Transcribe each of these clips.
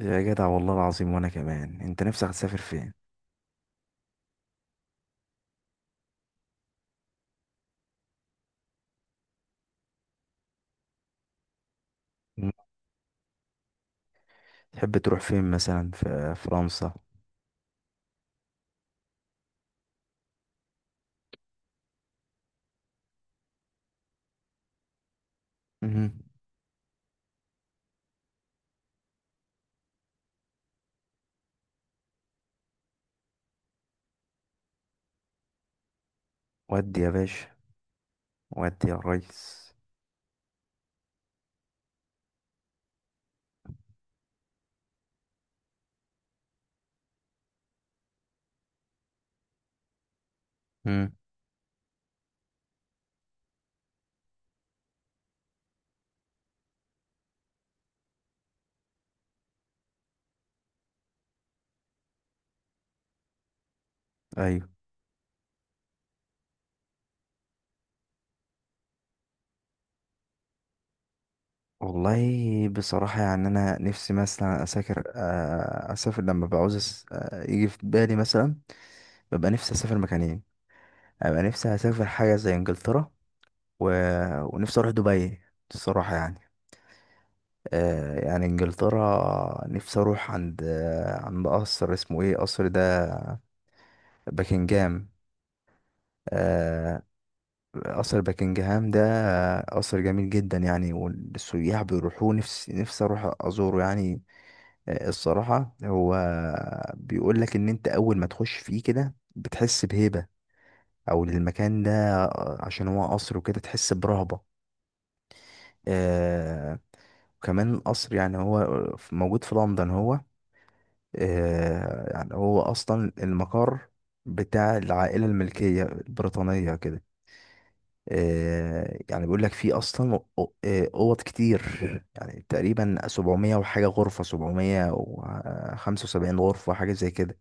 يا جدع، والله العظيم وانا كمان. انت نفسك تسافر فين؟ مم. تحب تروح فين مثلا في فرنسا؟ مم. ودي يا باشا. ودي يا ريس. مم. ايوه، والله بصراحة يعني انا نفسي مثلا اسافر لما بعوز. يجي في بالي مثلا ببقى نفسي اسافر مكانين. ابقى نفسي اسافر حاجة زي انجلترا و... ونفسي اروح دبي، الصراحة يعني. يعني انجلترا، نفسي اروح عند، عند قصر اسمه ايه، قصر ده؟ باكنجهام. آه، قصر باكنجهام ده، قصر جميل جدا يعني، والسياح بيروحوه. نفسي نفسي اروح ازوره يعني. الصراحة هو بيقول لك ان انت اول ما تخش فيه كده بتحس بهيبة، او المكان ده، عشان هو قصر وكده تحس برهبة. آه، وكمان قصر يعني هو موجود في لندن. هو يعني هو اصلا المقر بتاع العائلة الملكية البريطانية كده. يعني بيقول لك في اصلا، اوض كتير. يعني تقريبا 700 وحاجه غرفه، 775 غرفه حاجه زي كده.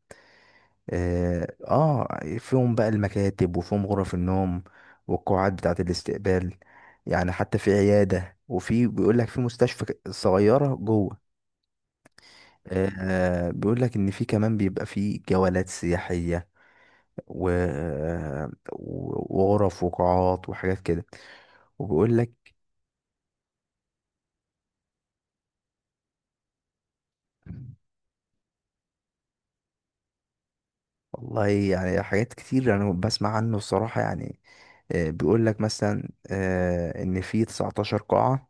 فيهم بقى المكاتب وفيهم غرف النوم والقاعات بتاعه الاستقبال. يعني حتى في عياده، وفي بيقول لك في مستشفى صغيره جوه. بيقول لك ان في كمان بيبقى في جولات سياحيه و... وغرف وقاعات وحاجات كده. وبيقول لك، والله يعني حاجات كتير يعني بسمع عنه، الصراحة يعني. بيقول لك مثلا، ان في 19 قاعة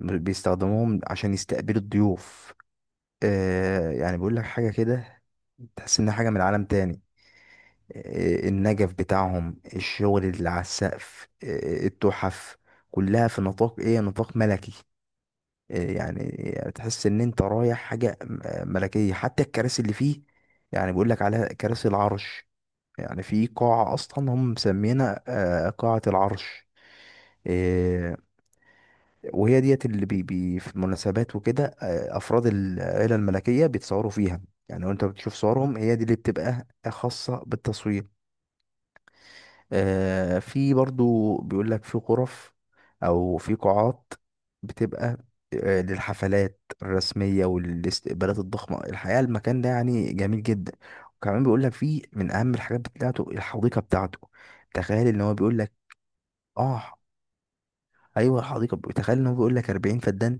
بيستخدموهم عشان يستقبلوا الضيوف. يعني بيقول لك حاجة كده تحس انها حاجة من عالم تاني. النجف بتاعهم، الشغل اللي على السقف، التحف، كلها في نطاق ايه، نطاق ملكي. يعني تحس ان انت رايح حاجة ملكية. حتى الكراسي اللي فيه يعني بيقول لك عليها كراسي العرش. يعني في قاعة أصلا هم مسمينها قاعة العرش. آه، وهي ديت اللي بي بي في المناسبات وكده، أفراد العيلة الملكية بيتصوروا فيها يعني. وأنت بتشوف صورهم، هي دي اللي بتبقى خاصة بالتصوير. في برضو بيقول لك في غرف أو في قاعات بتبقى للحفلات الرسمية والاستقبالات الضخمة. الحقيقة المكان ده يعني جميل جدا. وكمان بيقول لك فيه من أهم الحاجات بتاعته الحديقة بتاعته. تخيل ان هو بيقول. اه، ايوه، الحديقه تخيل ان هو بيقول لك 40 فدان.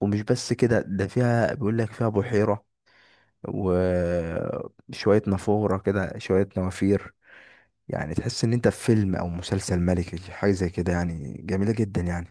ومش بس كده، ده فيها بيقول لك فيها بحيره وشويه نافوره كده، شويه نوافير. يعني تحس ان انت في فيلم او مسلسل ملكي، حاجه زي كده يعني، جميله جدا يعني.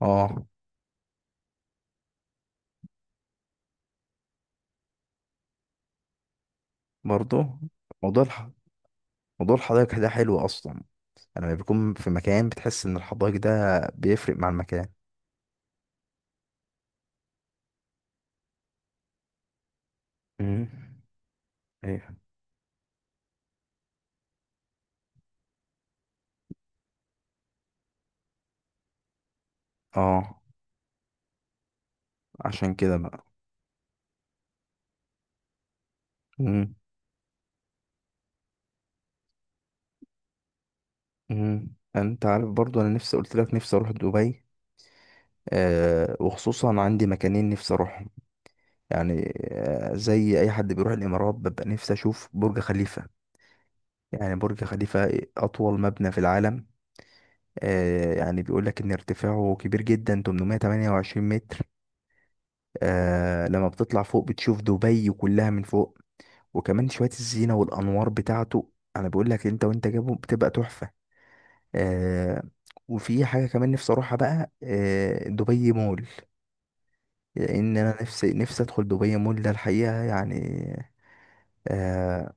اه، برضه. موضوع الح... موضوع الحدائق ده حلو اصلا. لما بيكون في مكان، بتحس ان الحدائق ده بيفرق مع المكان. امم. ايه. اه، عشان كده بقى. امم. انت عارف برضو، انا نفسي قلت لك نفسي اروح دبي. وخصوصا عندي مكانين نفسي اروحهم. يعني زي اي حد بيروح الامارات، ببقى نفسي اشوف برج خليفة. يعني برج خليفة اطول مبنى في العالم. يعني بيقول لك ان ارتفاعه كبير جدا، 828 متر. لما بتطلع فوق بتشوف دبي كلها من فوق. وكمان شوية الزينة والانوار بتاعته، انا بقول لك انت وانت جابه بتبقى تحفة. آه، وفي حاجة كمان نفسي اروحها بقى، دبي مول. لان انا نفسي نفسي ادخل دبي مول ده الحقيقه يعني. آه.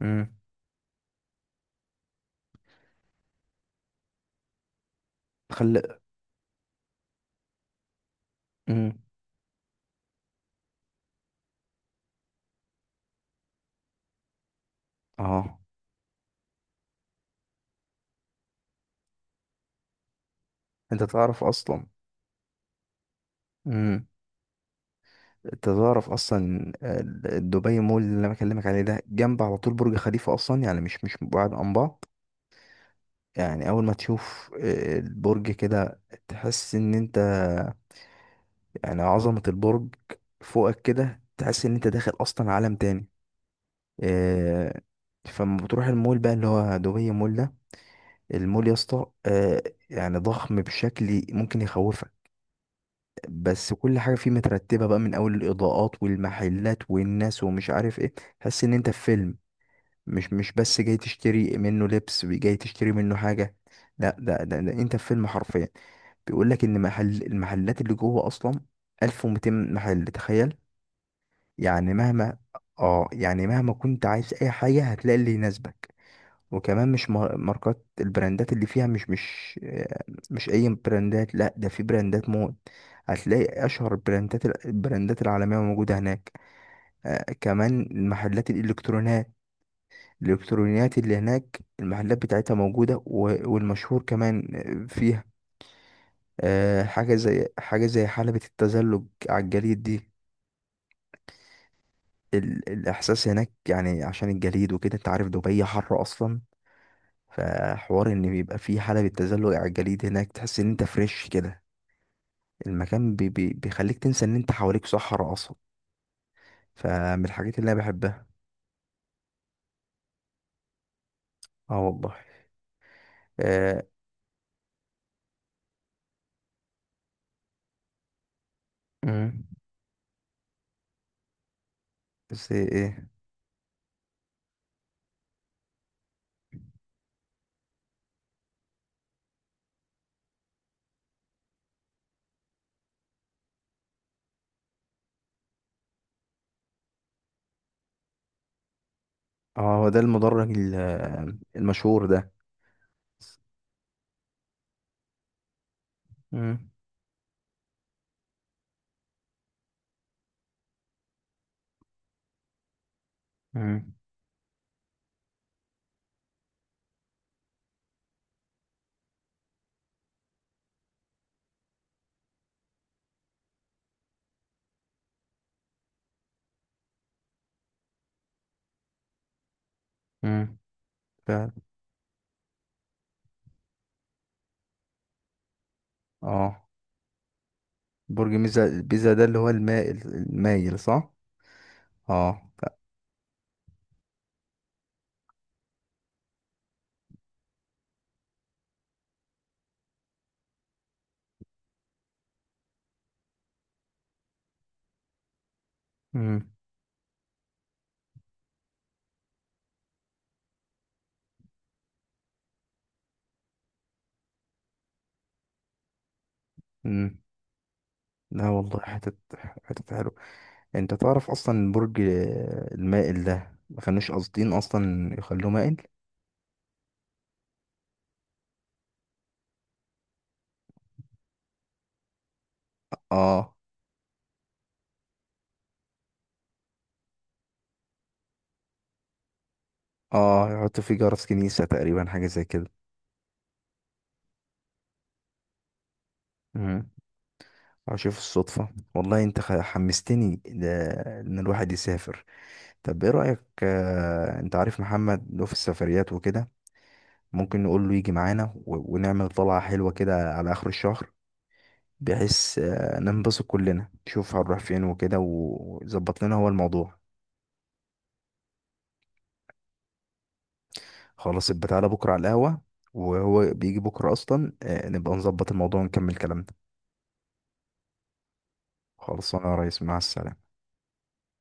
امم. خل امم. اه. انت تعرف اصلا. امم. انت تعرف اصلا دبي مول اللي انا بكلمك عليه ده جنب على طول برج خليفه اصلا، يعني مش بعاد عن بعض. يعني اول ما تشوف البرج كده، تحس ان انت، يعني عظمه البرج فوقك كده، تحس ان انت داخل اصلا عالم تاني. آه، فلما بتروح المول بقى، اللي هو دبي مول ده، المول يا اسطى، يعني ضخم بشكل ممكن يخوفك. بس كل حاجه فيه مترتبه بقى، من اول الاضاءات والمحلات والناس ومش عارف ايه، تحس ان انت في فيلم. مش بس جاي تشتري منه لبس، جاي تشتري منه حاجه، لا ده انت في فيلم حرفيا. بيقول لك ان المحلات اللي جوه اصلا 1200 محل، تخيل. يعني مهما اه يعني مهما كنت عايز اي حاجه، هتلاقي اللي يناسبك. وكمان مش ماركات، البراندات اللي فيها مش اي براندات، لا، ده في براندات موت. هتلاقي اشهر البراندات العالميه موجوده هناك. كمان محلات الالكترونيات، الالكترونيات اللي هناك المحلات بتاعتها موجوده، والمشهور كمان فيها حاجه زي حلبة التزلج على الجليد دي. الاحساس هناك يعني عشان الجليد وكده، انت عارف دبي حر اصلا، فحوار ان بيبقى فيه حالة بالتزلج على الجليد هناك، تحس ان انت فريش كده. المكان بي بي بيخليك تنسى ان انت حواليك صحراء اصلا. فمن الحاجات اللي انا بحبها. اه، والله. آه. مم. بس ايه. اه، هو ده المدرج المشهور ده. مم. مم. مم. ف... اه، برج بيزا، بيزا ده اللي هو المائل، المايل، صح؟ اه، لا. مم. امم. لا والله، حتت حلوة. انت تعرف اصلا برج المائل ده ما كانوش قاصدين اصلا يخلوه مائل. اه. اه، يحط فيه جرس كنيسة تقريبا، حاجة زي كده. امم. اشوف الصدفة. والله انت حمستني ان الواحد يسافر. طب ايه رأيك، انت عارف محمد له في السفريات وكده، ممكن نقول له يجي معانا، ونعمل طلعة حلوة كده على اخر الشهر، بحيث ننبسط كلنا نشوف هنروح فين وكده، ويظبط لنا هو الموضوع. خلاص يبقى تعالى بكرة على القهوة، وهو بيجي بكرة أصلا، نبقى نظبط الموضوع ونكمل كلامنا. خلاص أنا يا ريس، مع السلامة.